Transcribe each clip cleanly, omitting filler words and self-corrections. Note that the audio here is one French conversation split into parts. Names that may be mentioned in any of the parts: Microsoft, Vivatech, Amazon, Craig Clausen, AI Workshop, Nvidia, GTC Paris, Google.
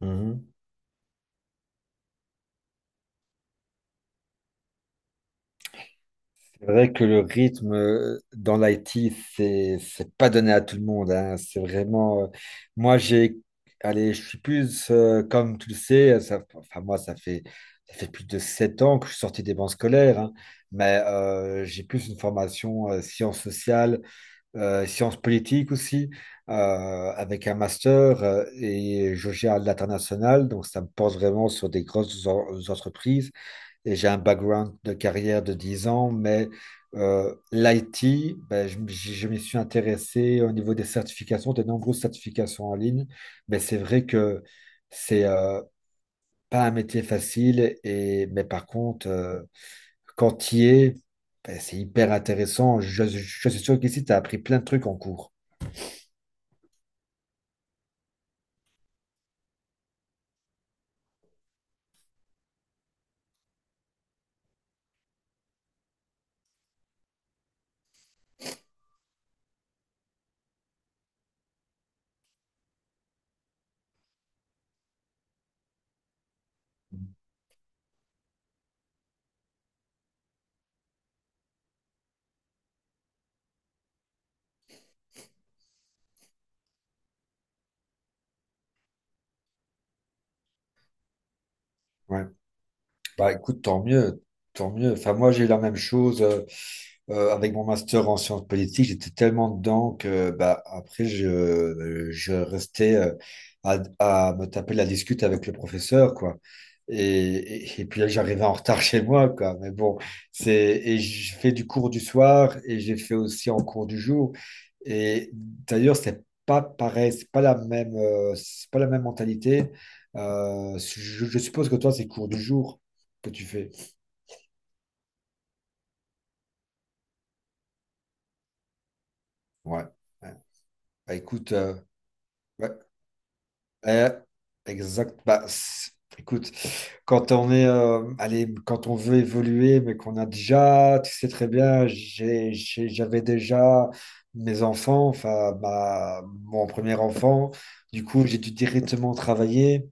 Mhm. C'est vrai que le rythme dans l'IT, c'est pas donné à tout le monde, hein. C'est vraiment. Moi, j'ai. Allez, je suis plus. Comme tu le sais, ça, enfin, moi, ça fait plus de 7 ans que je suis sorti des bancs scolaires, hein. Mais j'ai plus une formation sciences sociales, sciences politiques aussi, avec un master, et je gère l'international, donc ça me porte vraiment sur des grosses entreprises. Et j'ai un background de carrière de 10 ans, mais l'IT, ben, je m'y suis intéressé au niveau des certifications, de nombreuses certifications en ligne, mais c'est vrai que c'est pas un métier facile, et, mais par contre, quand y est, ben, c'est hyper intéressant. Je suis sûr qu'ici, tu as appris plein de trucs en cours. Ouais. Bah écoute, tant mieux, tant mieux. Enfin, moi, j'ai eu la même chose, avec mon master en sciences politiques. J'étais tellement dedans que bah, après, je restais, à me taper la discute avec le professeur, quoi. Et, et puis là, j'arrivais en retard chez moi, quoi. Mais bon, et je fais du cours du soir et j'ai fait aussi en cours du jour. Et d'ailleurs, c'est pas pareil, c'est pas la même mentalité. Je suppose que toi, c'est cours du jour que tu fais. Ouais. Ouais. Bah, écoute, ouais. Euh, Exact. Écoute, quand on veut évoluer, mais qu'on a déjà, tu sais très bien, j'avais déjà mes enfants, enfin, mon premier enfant. Du coup, j'ai dû directement travailler.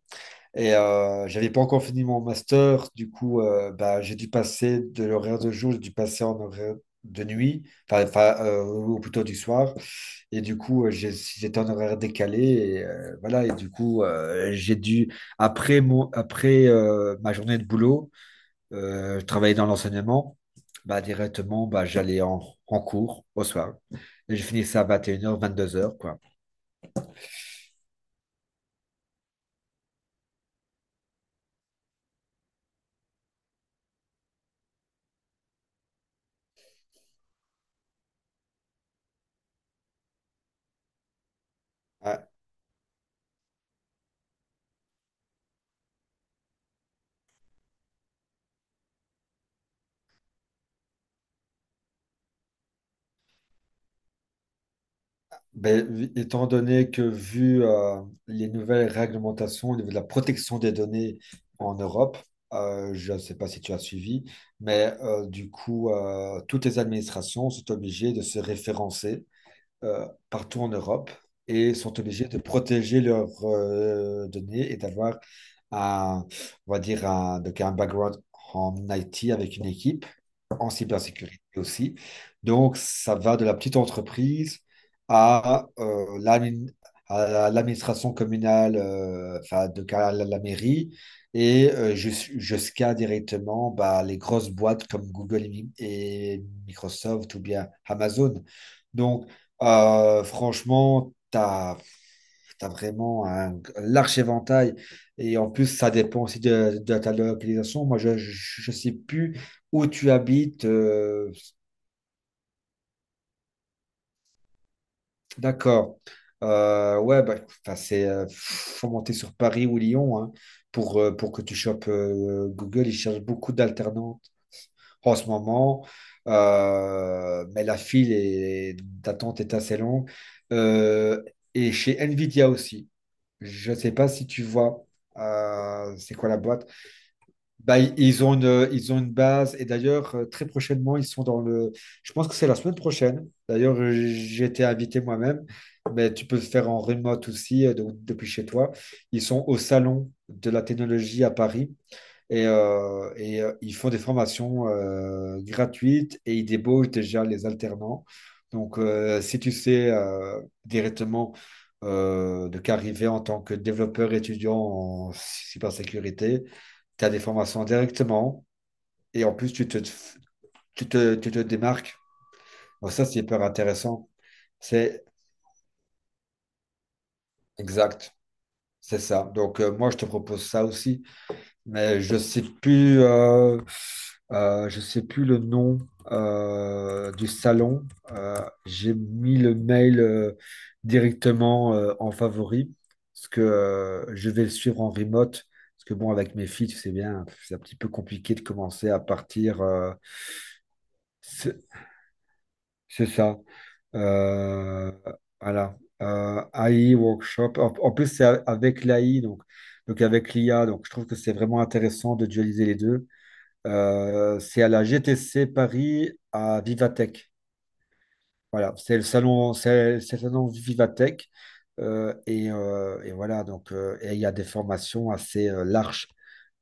Et j'avais pas encore fini mon master, du coup, bah, j'ai dû passer de l'horaire de jour, j'ai dû passer en horaire de nuit, enfin, ou plutôt du soir. Et du coup, j'étais en horaire décalé, et voilà. Et du coup, j'ai dû, après, après ma journée de boulot, travailler dans l'enseignement, bah, directement, bah, j'allais en cours au soir. Et je finissais à 21 vingt-deux heures, quoi. Ah. Ben, étant donné que, vu les nouvelles réglementations au niveau de la protection des données en Europe, je ne sais pas si tu as suivi, mais du coup, toutes les administrations sont obligées de se référencer partout en Europe et sont obligés de protéger leurs données et d'avoir un, on va dire un, donc un background en IT avec une équipe en cybersécurité aussi. Donc, ça va de la petite entreprise à à l'administration communale, enfin, de à la mairie, et jusqu'à directement bah, les grosses boîtes comme Google et Microsoft ou bien Amazon. Donc, franchement, t'as vraiment un large éventail. Et en plus, ça dépend aussi de ta localisation. Moi, je sais plus où tu habites. D'accord. Ouais, bah, enfin, faut monter sur Paris ou Lyon, hein, pour que tu chopes Google. Ils cherchent beaucoup d'alternantes en ce moment. Mais la file d'attente est assez longue. Euh, et chez Nvidia aussi. Je sais pas si tu vois, c'est quoi la boîte? Bah, ils ont une base, et d'ailleurs, très prochainement, ils sont dans le. Je pense que c'est la semaine prochaine. D'ailleurs, j'ai été invité moi-même, mais tu peux le faire en remote aussi, donc depuis chez toi. Ils sont au Salon de la technologie à Paris. Ils font des formations gratuites et ils débauchent déjà les alternants. Donc, si tu sais directement, de qu'arriver en tant que développeur étudiant en cybersécurité, tu as des formations directement et en plus, tu te démarques. Bon, ça, c'est hyper intéressant. C'est exact. C'est ça. Donc, moi, je te propose ça aussi. Mais je sais plus le nom du salon. J'ai mis le mail directement en favori parce que je vais le suivre en remote. Parce que bon, avec mes filles, tu sais bien, c'est un petit peu compliqué de commencer à partir. c'est c'est ça. Euh, voilà. AI Workshop. En plus, c'est avec l'AI, donc avec l'IA. Donc, je trouve que c'est vraiment intéressant de dualiser les deux. C'est à la GTC Paris à Vivatech. Voilà, c'est le salon, c'est le salon Vivatech. Et voilà, donc et il y a des formations assez larges.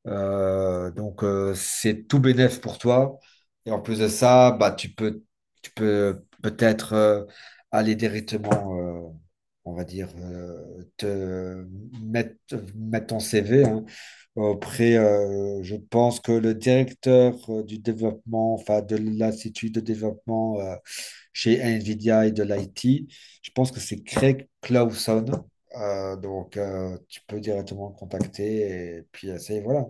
Donc, c'est tout bénef pour toi. Et en plus de ça, bah, tu peux peut-être, aller directement, euh, on va dire, mettre, mettre ton CV, hein, auprès, je pense que le directeur du développement, enfin de l'Institut de développement chez NVIDIA et de l'IT, je pense que c'est Craig Clausen. Donc, tu peux directement le contacter et puis essayer, voilà.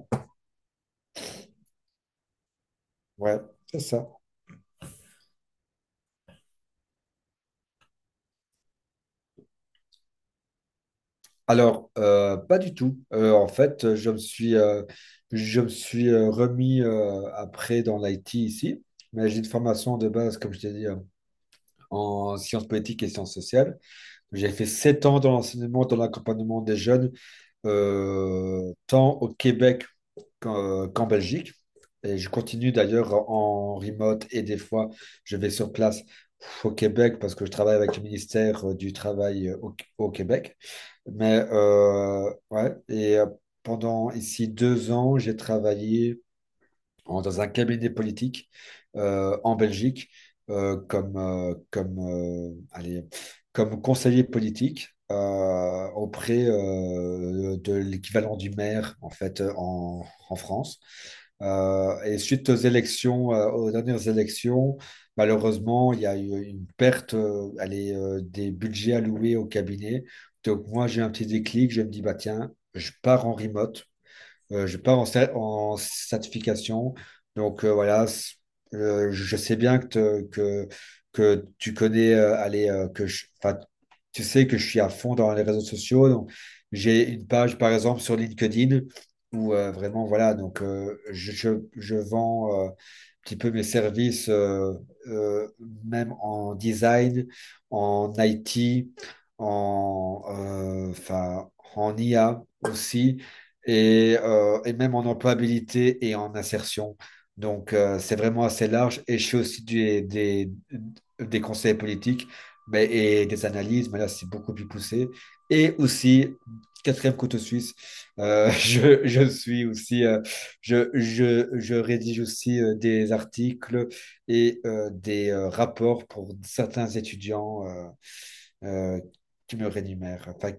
Ouais, c'est ça. Alors, pas du tout. En fait, je me suis remis, après dans l'IT ici, mais j'ai une formation de base, comme je t'ai dit, en sciences politiques et sciences sociales. J'ai fait 7 ans dans l'enseignement, dans l'accompagnement des jeunes, tant au Québec qu'en Belgique. Et je continue d'ailleurs en remote et des fois je vais sur place au Québec parce que je travaille avec le ministère du Travail, au Québec. Mais ouais, et pendant ici 2 ans, j'ai travaillé dans un cabinet politique en Belgique, allez, comme conseiller politique auprès de l'équivalent du maire en fait, en France. Et suite aux élections, aux dernières élections, malheureusement, il y a eu une perte, allez, des budgets alloués au cabinet. Donc moi, j'ai un petit déclic, je me dis, bah tiens, je pars en remote. Je pars en certification. Donc voilà, je sais bien que tu connais, allez, enfin, tu sais que je suis à fond dans les réseaux sociaux. Donc, j'ai une page, par exemple, sur LinkedIn où vraiment, voilà, donc je vends un petit peu mes services, euh, même en design, en IT, enfin, en IA aussi et même en employabilité et en insertion. Donc, c'est vraiment assez large. Et je fais aussi des conseils politiques, et des analyses, mais là, c'est beaucoup plus poussé. Et aussi, quatrième couteau suisse, je suis aussi, je rédige aussi des articles et des rapports pour certains étudiants, euh, qui me rémunèrent, enfin,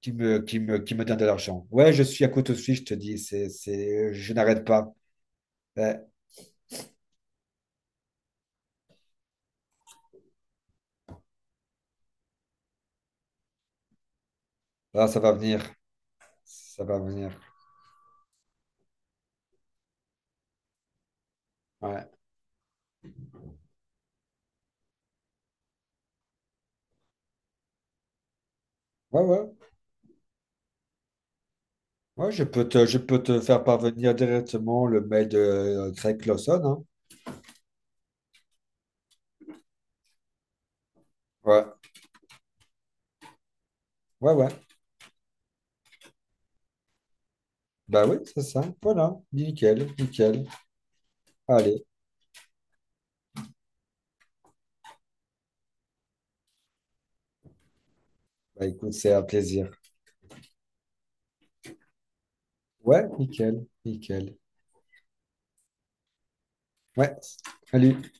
qui me donne de l'argent. Ouais, je suis à couteau suisse, je te dis, je n'arrête pas. Ouais, là, ça va venir. Ça va venir. Ouais, ouais, ouais. Ouais, je peux te faire parvenir directement le mail de Craig Clausen, hein. Ouais, ouais, ouais. Bah oui, c'est ça. Voilà. Nickel, nickel. Allez, bah écoute, c'est un plaisir. Ouais, nickel, nickel. Ouais, salut.